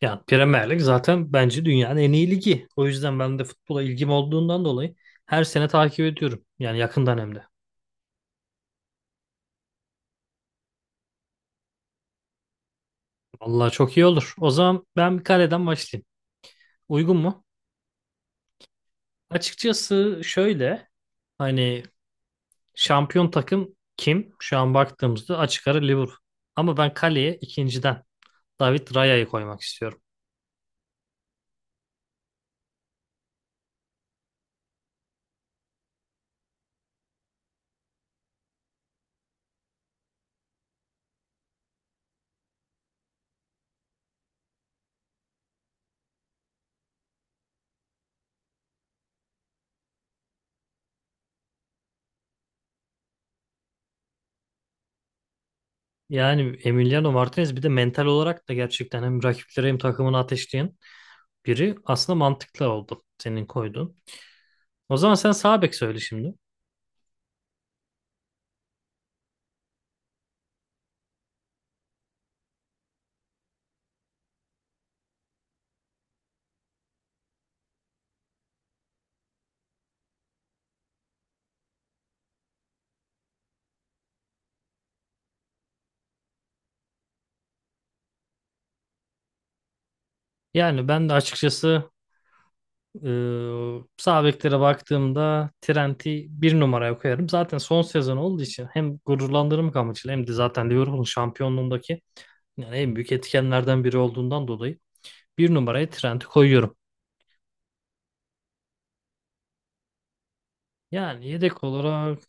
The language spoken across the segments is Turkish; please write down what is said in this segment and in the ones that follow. Yani Premier Lig zaten bence dünyanın en iyi ligi. O yüzden ben de futbola ilgim olduğundan dolayı her sene takip ediyorum. Yani yakından hem de. Vallahi çok iyi olur. O zaman ben bir kaleden başlayayım. Uygun mu? Açıkçası şöyle hani şampiyon takım kim? Şu an baktığımızda açık ara Liverpool. Ama ben kaleye ikinciden David Raya'yı koymak istiyorum. Yani Emiliano Martinez bir de mental olarak da gerçekten hem rakipleri hem takımını ateşleyen biri aslında mantıklı oldu senin koyduğun. O zaman sen sağ bek söyle şimdi. Yani ben de açıkçası e, sağ beklere baktığımda Trent'i bir numaraya koyarım. Zaten son sezon olduğu için hem gururlandırmak amacıyla hem de zaten Liverpool'un şampiyonluğundaki yani en büyük etkenlerden biri olduğundan dolayı bir numaraya Trent'i koyuyorum. Yani yedek olarak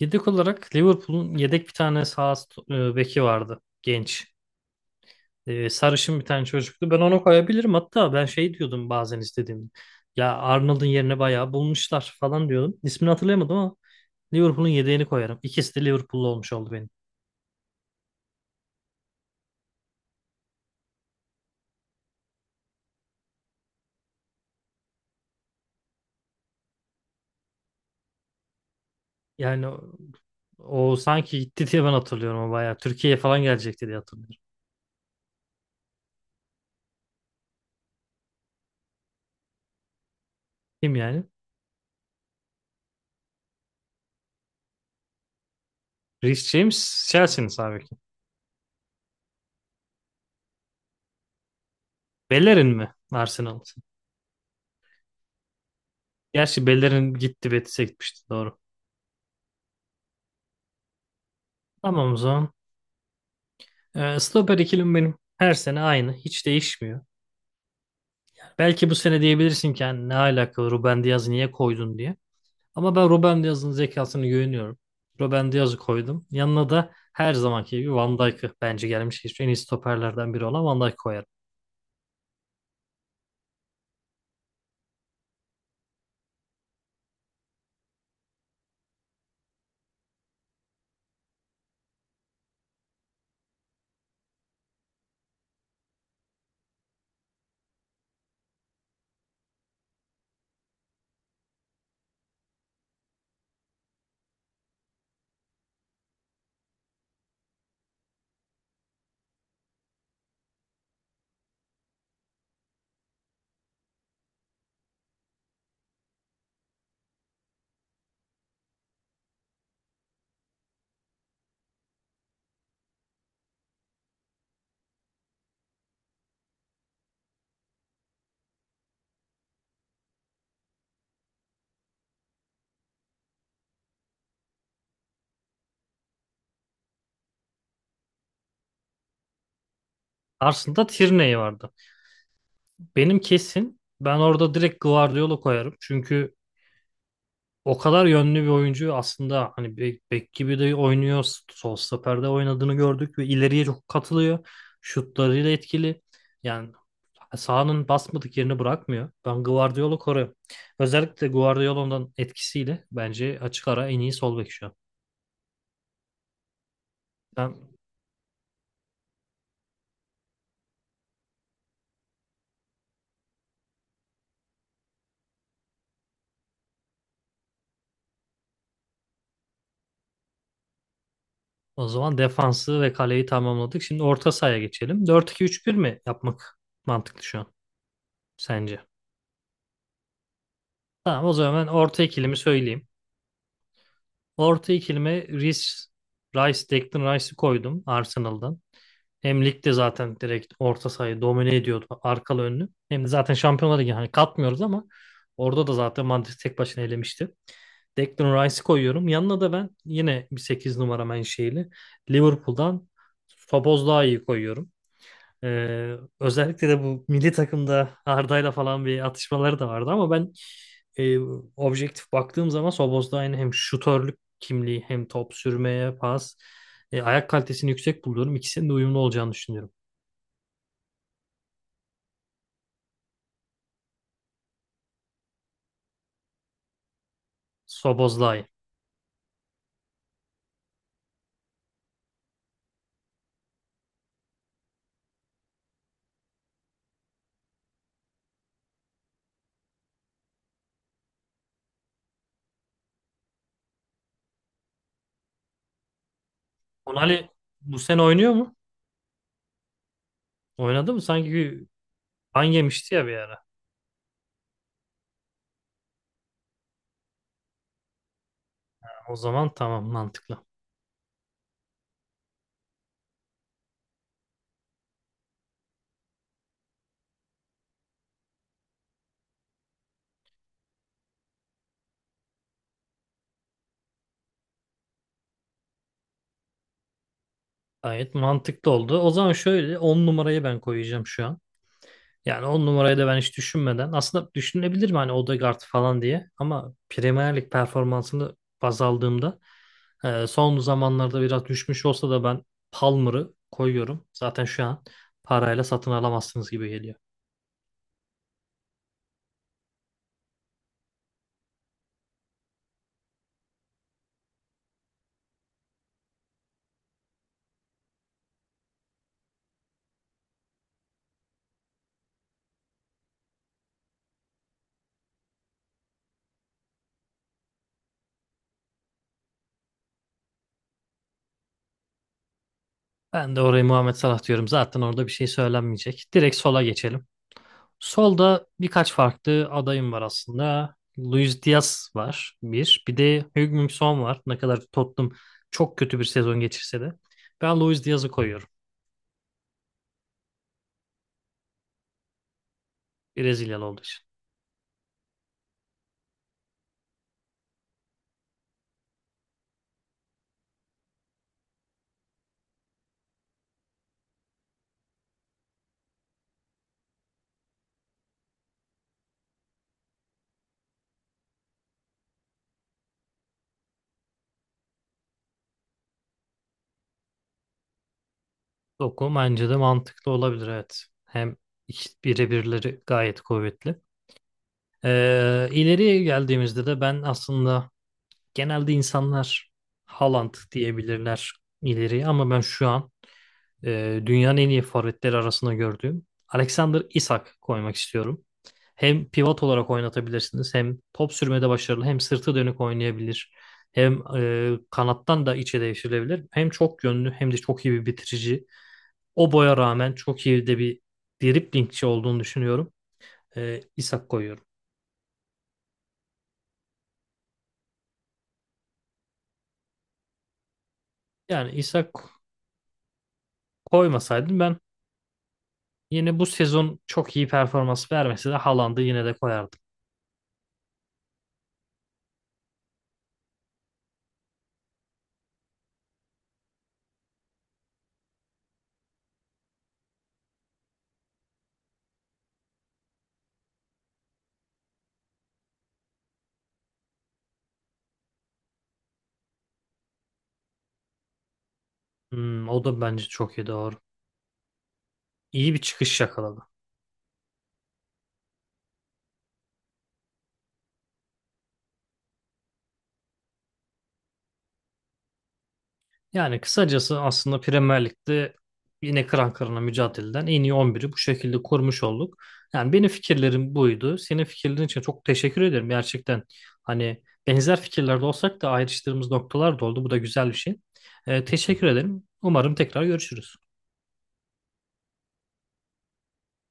yedek olarak Liverpool'un yedek bir tane sağ beki vardı genç. Sarışın bir tane çocuktu. Ben onu koyabilirim. Hatta ben şey diyordum bazen istediğimde. Ya Arnold'un yerine bayağı bulmuşlar falan diyordum. İsmini hatırlayamadım ama Liverpool'un yedeğini koyarım. İkisi de Liverpool'lu olmuş oldu benim. Yani o sanki gitti diye ben hatırlıyorum ama bayağı. Türkiye'ye falan gelecekti diye hatırlıyorum. Kim yani? Reece James Chelsea'nin sahibi kim? Bellerin mi? Arsenal. Gerçi Bellerin gitti Betis'e gitmişti doğru. Tamam o zaman. Stoper ikilim benim. Her sene aynı. Hiç değişmiyor. Belki bu sene diyebilirsin ki "Yani ne alaka Ruben Diaz'ı niye koydun diye. Ama ben Ruben Diaz'ın zekasını güveniyorum. Ruben Diaz'ı koydum. Yanına da her zamanki gibi Van Dijk'ı bence gelmiş geçmiş en iyi stoperlerden biri olan Van Dijk koyarım. Arsenal'da Tierney vardı. Benim kesin ben orada direkt Guardiola koyarım. Çünkü o kadar yönlü bir oyuncu aslında hani bek, bek gibi de oynuyor. Sol stoperde oynadığını gördük ve ileriye çok katılıyor. Şutlarıyla etkili. Yani sağının basmadık yerini bırakmıyor. Ben Guardiola'yı koruyorum. Özellikle Guardiola'nın etkisiyle bence açık ara en iyi sol bek şu an. Ben o zaman defansı ve kaleyi tamamladık. Şimdi orta sahaya geçelim. 4-2-3-1 mi yapmak mantıklı şu an sence? Tamam o zaman ben orta ikilimi söyleyeyim. Orta ikilime Declan Rice'ı koydum Arsenal'dan. Hem ligde zaten direkt orta sahayı domine ediyordu arkalı önlü. Hem de zaten Şampiyonlar Ligi hani katmıyoruz ama orada da zaten Madrid tek başına elemişti. Declan Rice'i koyuyorum. Yanına da ben yine bir 8 numara menşeili Liverpool'dan Szoboszlai'yi koyuyorum. Özellikle de bu milli takımda Arda'yla falan bir atışmaları da vardı ama ben e, objektif baktığım zaman Szoboszlai'nin hem şutörlük kimliği hem top sürmeye pas ayak kalitesini yüksek buluyorum. İkisinin de uyumlu olacağını düşünüyorum. Szoboszlai. Onali bu sene oynuyor mu? Oynadı mı? Sanki ban yemişti ya bir ara. O zaman tamam mantıklı. Gayet mantıklı oldu. O zaman şöyle 10 numarayı ben koyacağım şu an. Yani on numarayı da ben hiç düşünmeden aslında düşünebilir mi hani Odegaard falan diye ama Premier Lig performansını baz aldığımda son zamanlarda biraz düşmüş olsa da ben Palmer'ı koyuyorum. Zaten şu an parayla satın alamazsınız gibi geliyor. Ben de oraya Muhammed Salah diyorum. Zaten orada bir şey söylenmeyecek. Direkt sola geçelim. Solda birkaç farklı adayım var aslında. Luis Diaz var bir. Bir de Heung-min Son var. Ne kadar Tottenham çok kötü bir sezon geçirse de. Ben Luis Diaz'ı koyuyorum. Brezilyalı olduğu için. Doku bence de mantıklı olabilir evet. Hem birebirleri gayet kuvvetli. İleriye geldiğimizde de ben aslında genelde insanlar Haaland diyebilirler ileriye ama ben şu an dünyanın en iyi forvetleri arasında gördüğüm Alexander Isak koymak istiyorum. Hem pivot olarak oynatabilirsiniz hem top sürmede başarılı hem sırtı dönük oynayabilir. Hem kanattan da içe devşirilebilir. Hem çok yönlü hem de çok iyi bir bitirici. O boya rağmen çok iyi de bir driblingçi olduğunu düşünüyorum. İshak koyuyorum. Yani İshak koymasaydım ben yine bu sezon çok iyi performans vermese de Haaland'ı yine de koyardım. Hmm, o da bence çok iyi doğru. İyi bir çıkış yakaladı. Yani kısacası aslında Premier Lig'de yine kıran kırana mücadeleden en iyi 11'i bu şekilde kurmuş olduk. Yani benim fikirlerim buydu. Senin fikirlerin için çok teşekkür ederim. Gerçekten hani benzer fikirlerde olsak da ayrıştığımız noktalar da oldu. Bu da güzel bir şey. Teşekkür ederim. Umarım tekrar görüşürüz.